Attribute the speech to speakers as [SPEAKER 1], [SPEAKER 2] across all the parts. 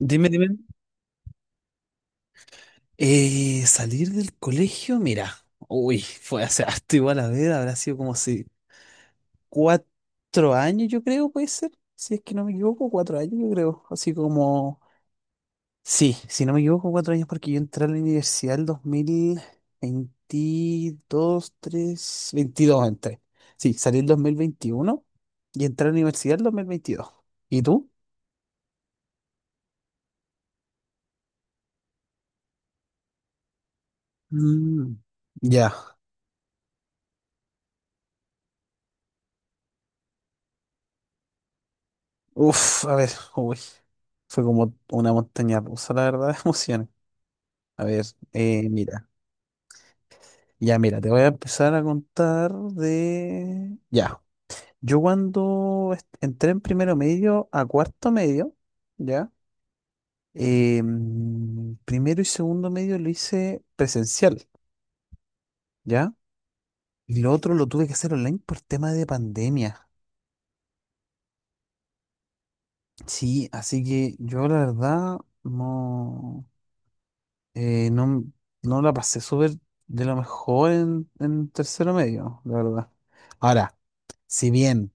[SPEAKER 1] Dime, dime. Salir del colegio, mira, uy, fue hace harto, igual. A ver, habrá sido como si 4 años, yo creo, puede ser. Si es que no me equivoco, 4 años, yo creo, así como, sí, si no me equivoco, 4 años, porque yo entré a la universidad el 2022, tres, 22 entré. Sí, salí el 2021 y entré a la universidad el 2022. ¿Y tú? Mm, ya. Uf, a ver, uy, fue como una montaña rusa, la verdad, de emociones. A ver, mira, ya mira, te voy a empezar a contar de... Ya, yo cuando entré en primero medio a cuarto medio. ¿Ya? Primero y segundo medio lo hice presencial. ¿Ya? Y lo otro lo tuve que hacer online por tema de pandemia. Sí, así que yo la verdad no... No, no la pasé súper de lo mejor en tercero medio, la verdad. Ahora, si bien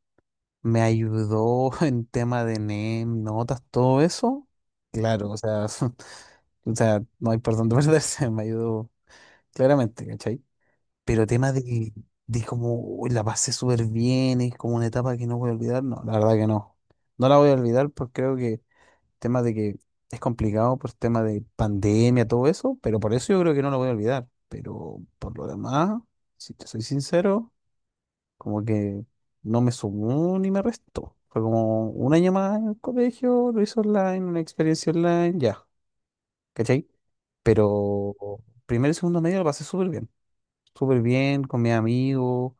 [SPEAKER 1] me ayudó en tema de NEM, notas, todo eso, claro, o sea, o sea, no hay por dónde perderse, me ayudó claramente, ¿cachai? Pero tema de, como "Uy, la pasé súper bien, es como una etapa que no voy a olvidar", no, la verdad que no. No la voy a olvidar, porque creo que, tema de que, es complicado por tema de pandemia, todo eso, pero por eso yo creo que no lo voy a olvidar. Pero por lo demás, si te soy sincero, como que no me sumó ni me restó. Fue como un año más en el colegio, lo hice online, una experiencia online, ya, ¿cachai? Pero primero y segundo medio lo pasé súper bien con mis amigos.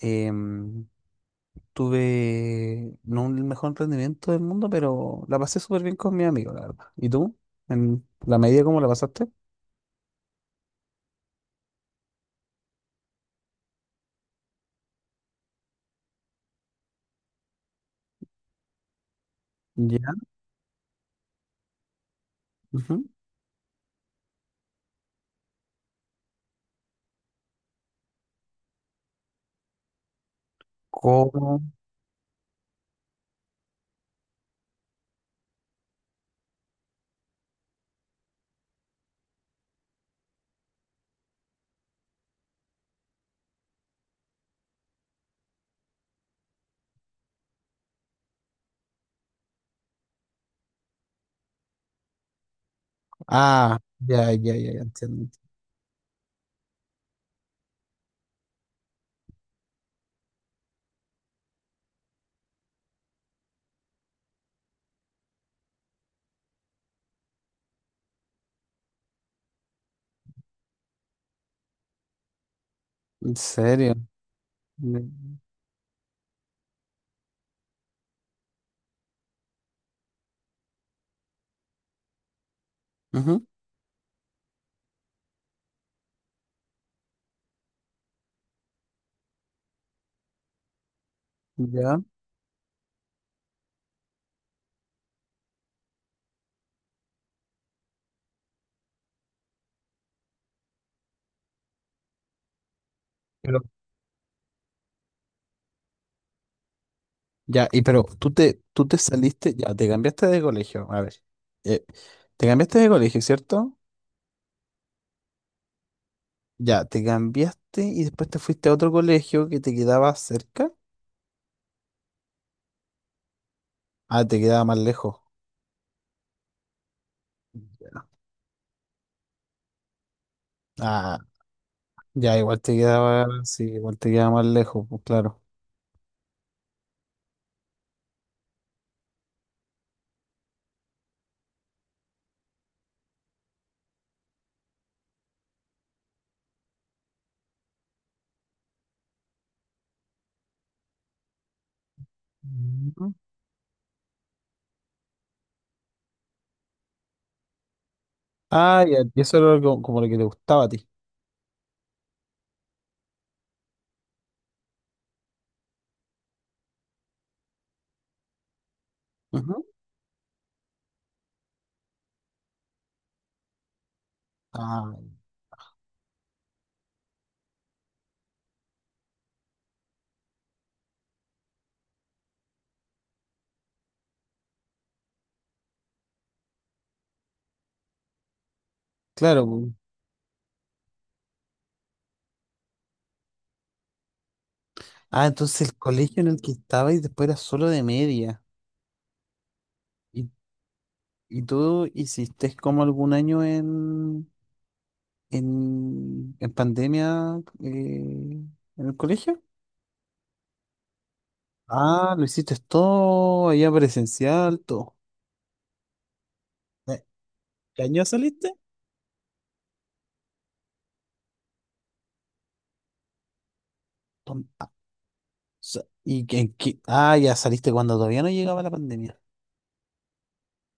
[SPEAKER 1] em, Tuve no el mejor rendimiento del mundo, pero la pasé súper bien con mi amigo, la verdad. ¿Y tú? ¿En la medida cómo la pasaste? Ya. Ujú. ¿Cómo? Ah, ya, ya, ya, ya entiendo. ¿En serio? Ya. Ujú, ya. Pero, ya, y pero tú te saliste, ya, te cambiaste de colegio. A ver. eh, Te cambiaste de colegio, ¿cierto? Ya, te cambiaste y después te fuiste a otro colegio que te quedaba cerca. Ah, te quedaba más lejos. Ah, ya, igual te quedaba, sí, igual te quedaba más lejos, pues claro. Ujú. Ah, ya, y eso era como, como lo que te gustaba a ti. Ujú. Ah, claro. pu. Ah, entonces el colegio en el que estabas después era solo de media. ¿Y, y tú hiciste como algún año en, pandemia, en el colegio? Ah, lo hiciste todo allá presencial, todo. ¿Qué qué año saliste? ¿Y en qué? Ah, ya saliste cuando todavía no llegaba la pandemia.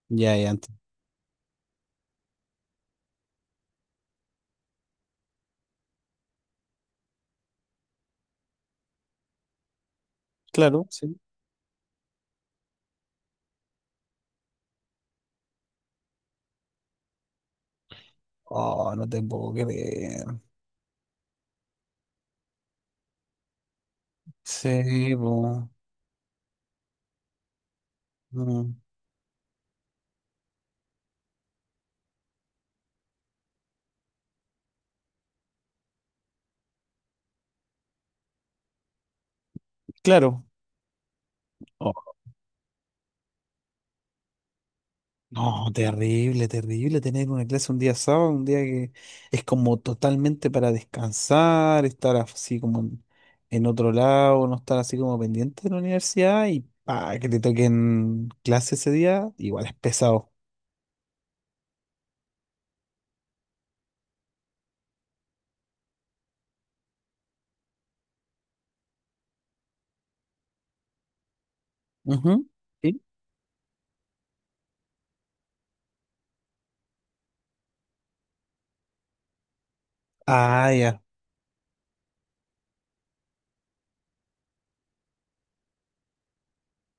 [SPEAKER 1] Ya, ya antes. Claro, sí. Oh, no te puedo creer. Sí, po. Mm, claro. Oh, no, terrible, terrible tener una clase un día sábado, un día que es como totalmente para descansar, estar así como en otro lado, no estar así como pendiente de la universidad y pa, que te toquen clase ese día, igual es pesado. Ujú. Sí. Ah, ya.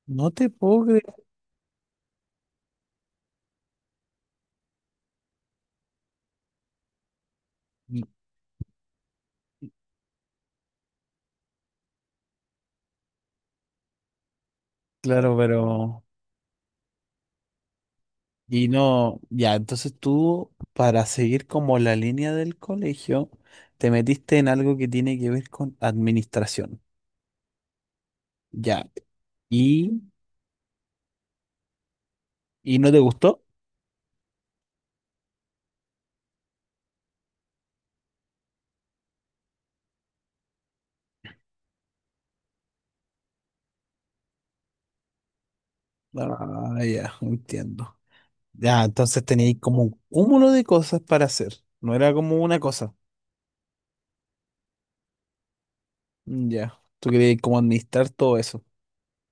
[SPEAKER 1] No te puedo creer. Claro, pero... Y no, ya, entonces tú, para seguir como la línea del colegio, te metiste en algo que tiene que ver con administración. Ya. ¿Y, y no te gustó? Ah, ya, entiendo. Ya, entonces teníais como un cúmulo de cosas para hacer. No era como una cosa. Mm, ya. Tú querías como administrar todo eso.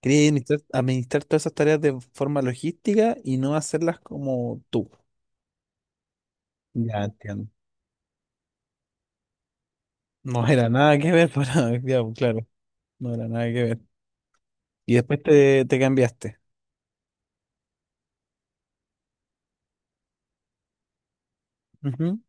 [SPEAKER 1] Querías administrar, administrar todas esas tareas de forma logística y no hacerlas como tú. Ya, entiendo. No era nada que ver para, ya, pues, claro, no era nada que ver. Y después te cambiaste. Ujú,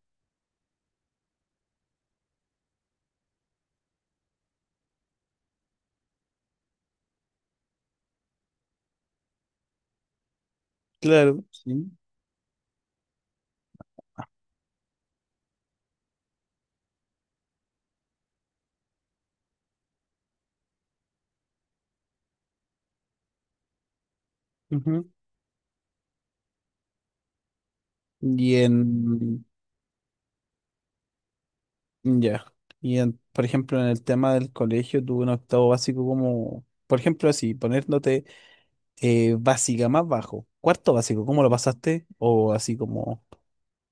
[SPEAKER 1] claro, sí. Ujú. Y en, ya. Y en, por ejemplo, en el tema del colegio, tuve un octavo básico como, por ejemplo, así, poniéndote, básica más bajo. Cuarto básico, ¿cómo lo pasaste? O así como,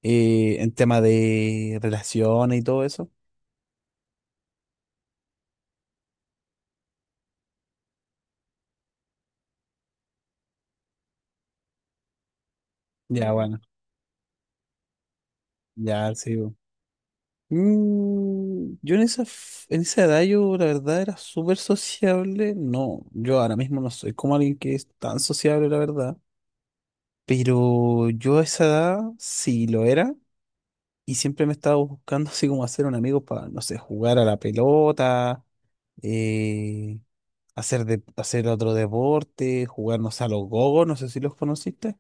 [SPEAKER 1] en tema de relaciones y todo eso. Ya, bueno, ya, sí. Mm, yo en en esa edad, yo la verdad era súper sociable. No, yo ahora mismo no soy como alguien que es tan sociable, la verdad. Pero yo a esa edad sí lo era, y siempre me estaba buscando así como hacer un amigo para, no sé, jugar a la pelota, eh, hacer otro deporte, jugarnos a los gogos, no sé si los conociste.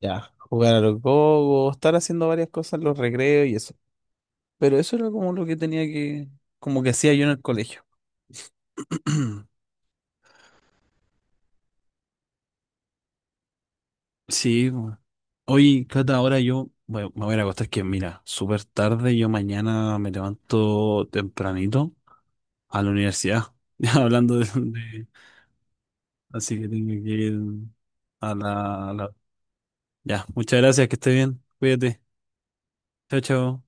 [SPEAKER 1] Ya, jugar a los gogos, estar haciendo varias cosas en los recreos y eso. Pero eso era como lo que tenía que, como que hacía yo en el colegio. Sí, bu. Oye, Cata, ahora yo, bueno, me voy a ir a acostar, que, mira, súper tarde, yo mañana me levanto tempranito a la universidad. Ya hablando así que tengo que ir a la... Ya, muchas gracias, que esté bien, cuídate, chao, chao.